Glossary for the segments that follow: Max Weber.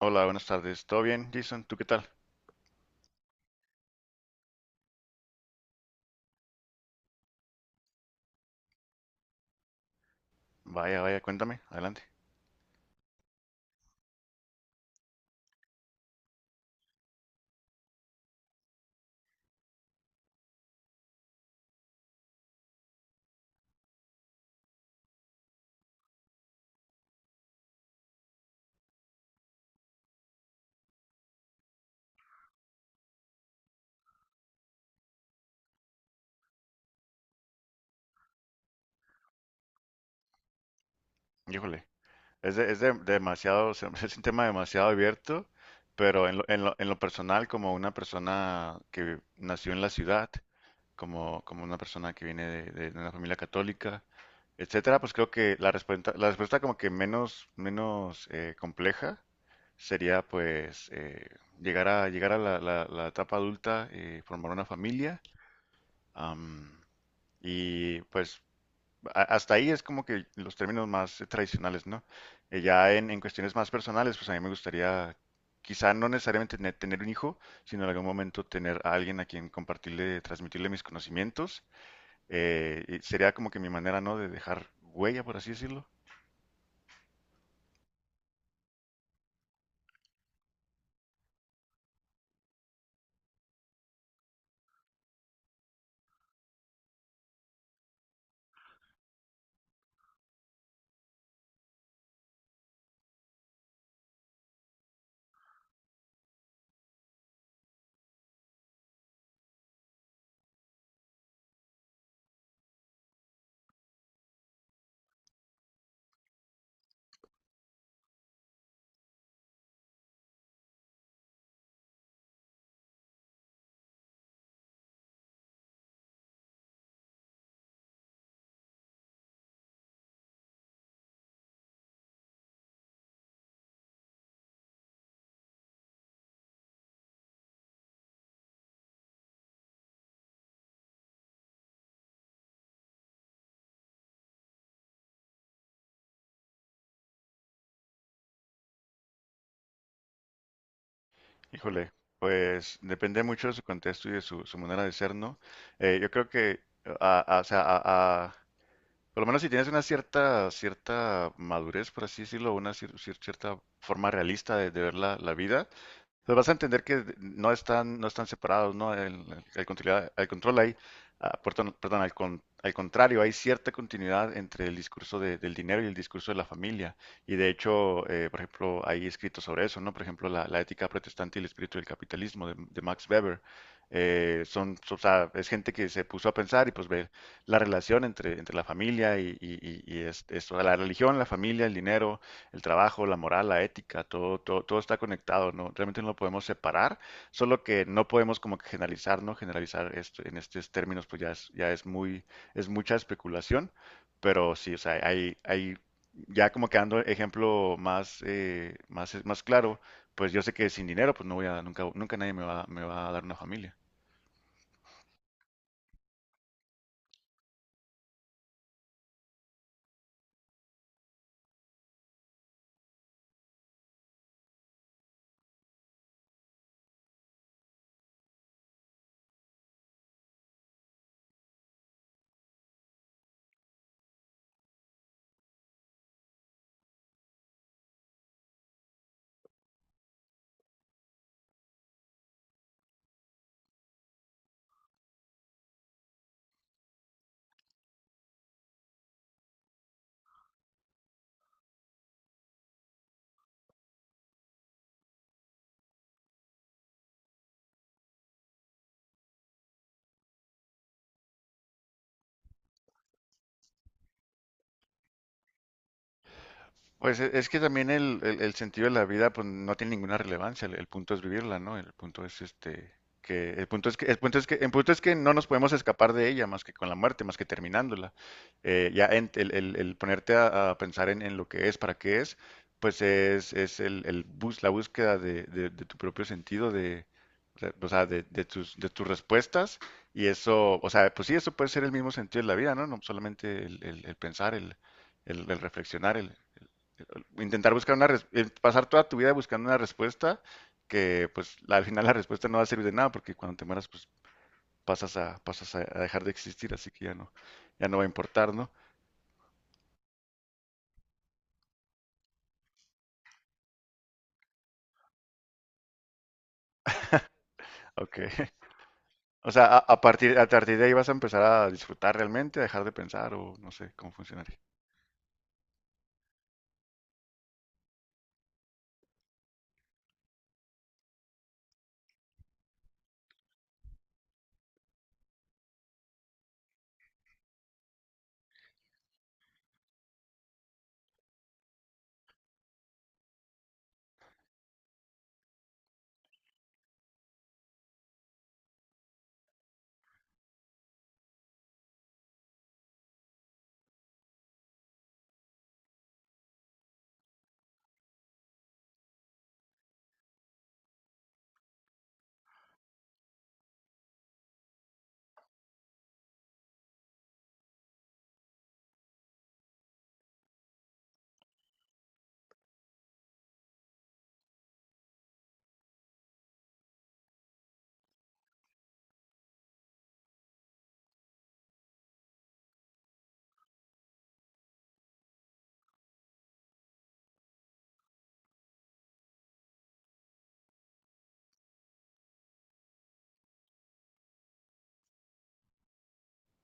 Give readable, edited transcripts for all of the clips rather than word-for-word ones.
Hola, buenas tardes. ¿Todo bien, Jason? ¿Tú qué tal? Vaya, vaya, cuéntame. Adelante. Híjole. Demasiado, o sea, es un tema demasiado abierto, pero en lo personal, como una persona que nació en la ciudad, como una persona que viene de una familia católica, etcétera, pues creo que la respuesta como que menos compleja sería pues llegar a la etapa adulta y formar una familia. Am, y pues hasta ahí es como que los términos más tradicionales, ¿no? Ya en cuestiones más personales, pues a mí me gustaría, quizá no necesariamente tener un hijo, sino en algún momento tener a alguien a quien compartirle, transmitirle mis conocimientos. Y sería como que mi manera, ¿no? De dejar huella, por así decirlo. Híjole, pues depende mucho de su contexto y de su manera de ser, ¿no? Yo creo que, o sea, por lo menos si tienes una cierta madurez, por así decirlo, una cierta forma realista de ver la vida, pues vas a entender que no están separados, ¿no? El control ahí, ah, perdón, perdón, al contrario, hay cierta continuidad entre el discurso del dinero y el discurso de la familia. Y de hecho, por ejemplo, hay escrito sobre eso, ¿no? Por ejemplo, la ética protestante y el espíritu del capitalismo de Max Weber. O sea, es gente que se puso a pensar y pues ve la relación entre la familia y o sea, la religión, la familia, el dinero, el trabajo, la moral, la ética, todo está conectado, ¿no? Realmente no lo podemos separar, solo que no podemos como que generalizar, ¿no? Generalizar esto en estos términos, pues ya es muy, es mucha especulación, pero sí, o sea, hay ya como que dando ejemplo más, más claro, pues yo sé que sin dinero, pues no voy a, nunca nadie me va a dar una familia. Pues es que también el sentido de la vida pues no tiene ninguna relevancia, el punto es vivirla, ¿no? El punto es este que el punto es que el punto es que el punto es que no nos podemos escapar de ella más que con la muerte, más que terminándola. El ponerte a pensar en lo que es, para qué es, pues es la búsqueda de tu propio sentido de, o sea, de tus respuestas y eso, o sea, pues sí, eso puede ser el mismo sentido de la vida, ¿no? No solamente el pensar, el reflexionar, el intentar buscar pasar toda tu vida buscando una respuesta que pues al final la respuesta no va a servir de nada porque cuando te mueras pues pasas a dejar de existir, así que ya no, ya no va a importar, ¿no? Ok. O sea, a partir de ahí vas a empezar a disfrutar realmente, a dejar de pensar o no sé cómo funcionaría.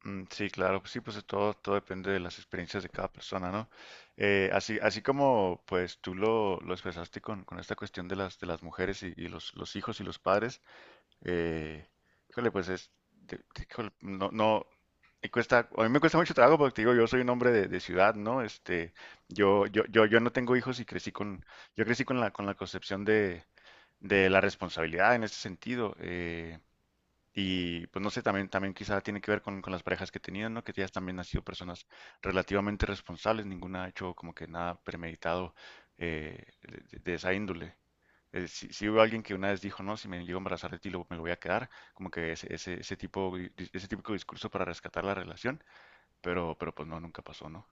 Mm, sí, claro, pues sí, pues todo depende de las experiencias de cada persona, ¿no? Así como pues tú lo expresaste con esta cuestión de de las mujeres y los hijos y los padres. Eh, Híjole, pues es, híjole, no, no, me cuesta, a mí me cuesta mucho trabajo porque te digo, yo soy un hombre de ciudad, ¿no? Este, yo no tengo hijos y crecí con, yo crecí con la concepción de la responsabilidad en ese sentido. Y pues no sé, también, también quizá tiene que ver con las parejas que he tenido, ¿no? Que ellas también han sido personas relativamente responsables, ninguna ha hecho como que nada premeditado de esa índole. Sí, sí hubo alguien que una vez dijo, no, si me llego a embarazar de ti, me lo voy a quedar, como que ese tipo, ese típico discurso para rescatar la relación, pero pues no, nunca pasó, ¿no?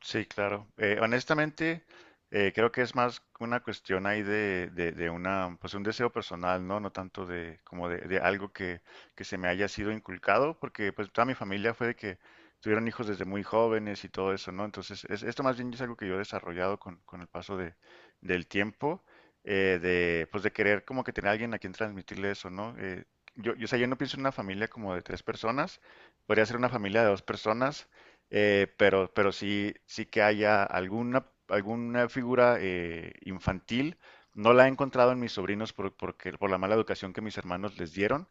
Sí, claro. Honestamente, creo que es más una cuestión ahí de una, pues un deseo personal, ¿no? No tanto de como de algo que se me haya sido inculcado, porque pues toda mi familia fue de que tuvieron hijos desde muy jóvenes y todo eso, ¿no? Entonces, esto más bien es algo que yo he desarrollado con el paso del tiempo, de, pues de querer como que tener a alguien a quien transmitirle eso, ¿no? O sea, yo no pienso en una familia como de tres personas, podría ser una familia de dos personas, pero sí, sí que haya alguna figura infantil. No la he encontrado en mis sobrinos porque, por la mala educación que mis hermanos les dieron.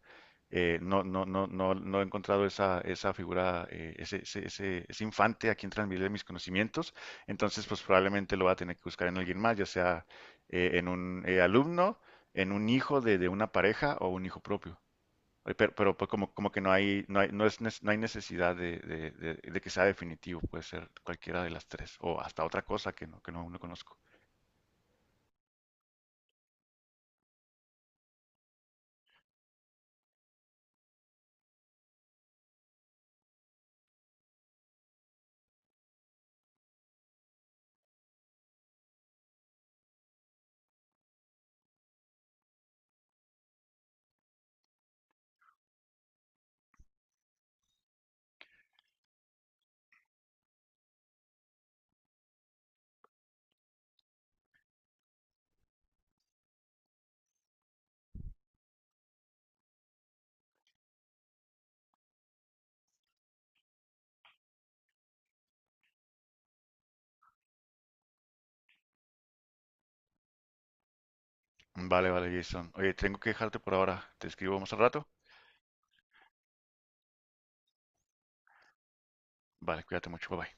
No he encontrado esa figura, ese infante a quien transmitirle mis conocimientos. Entonces, pues probablemente lo va a tener que buscar en alguien más, ya sea en un alumno, en un hijo de una pareja o un hijo propio. Oye, pero pues como, como que no hay necesidad de, de que sea definitivo, puede ser cualquiera de las tres, o hasta otra cosa que que no, no conozco. Vale, vale, Jason. Oye, tengo que dejarte por ahora. Te escribo más al rato. Vale, cuídate mucho, bye bye.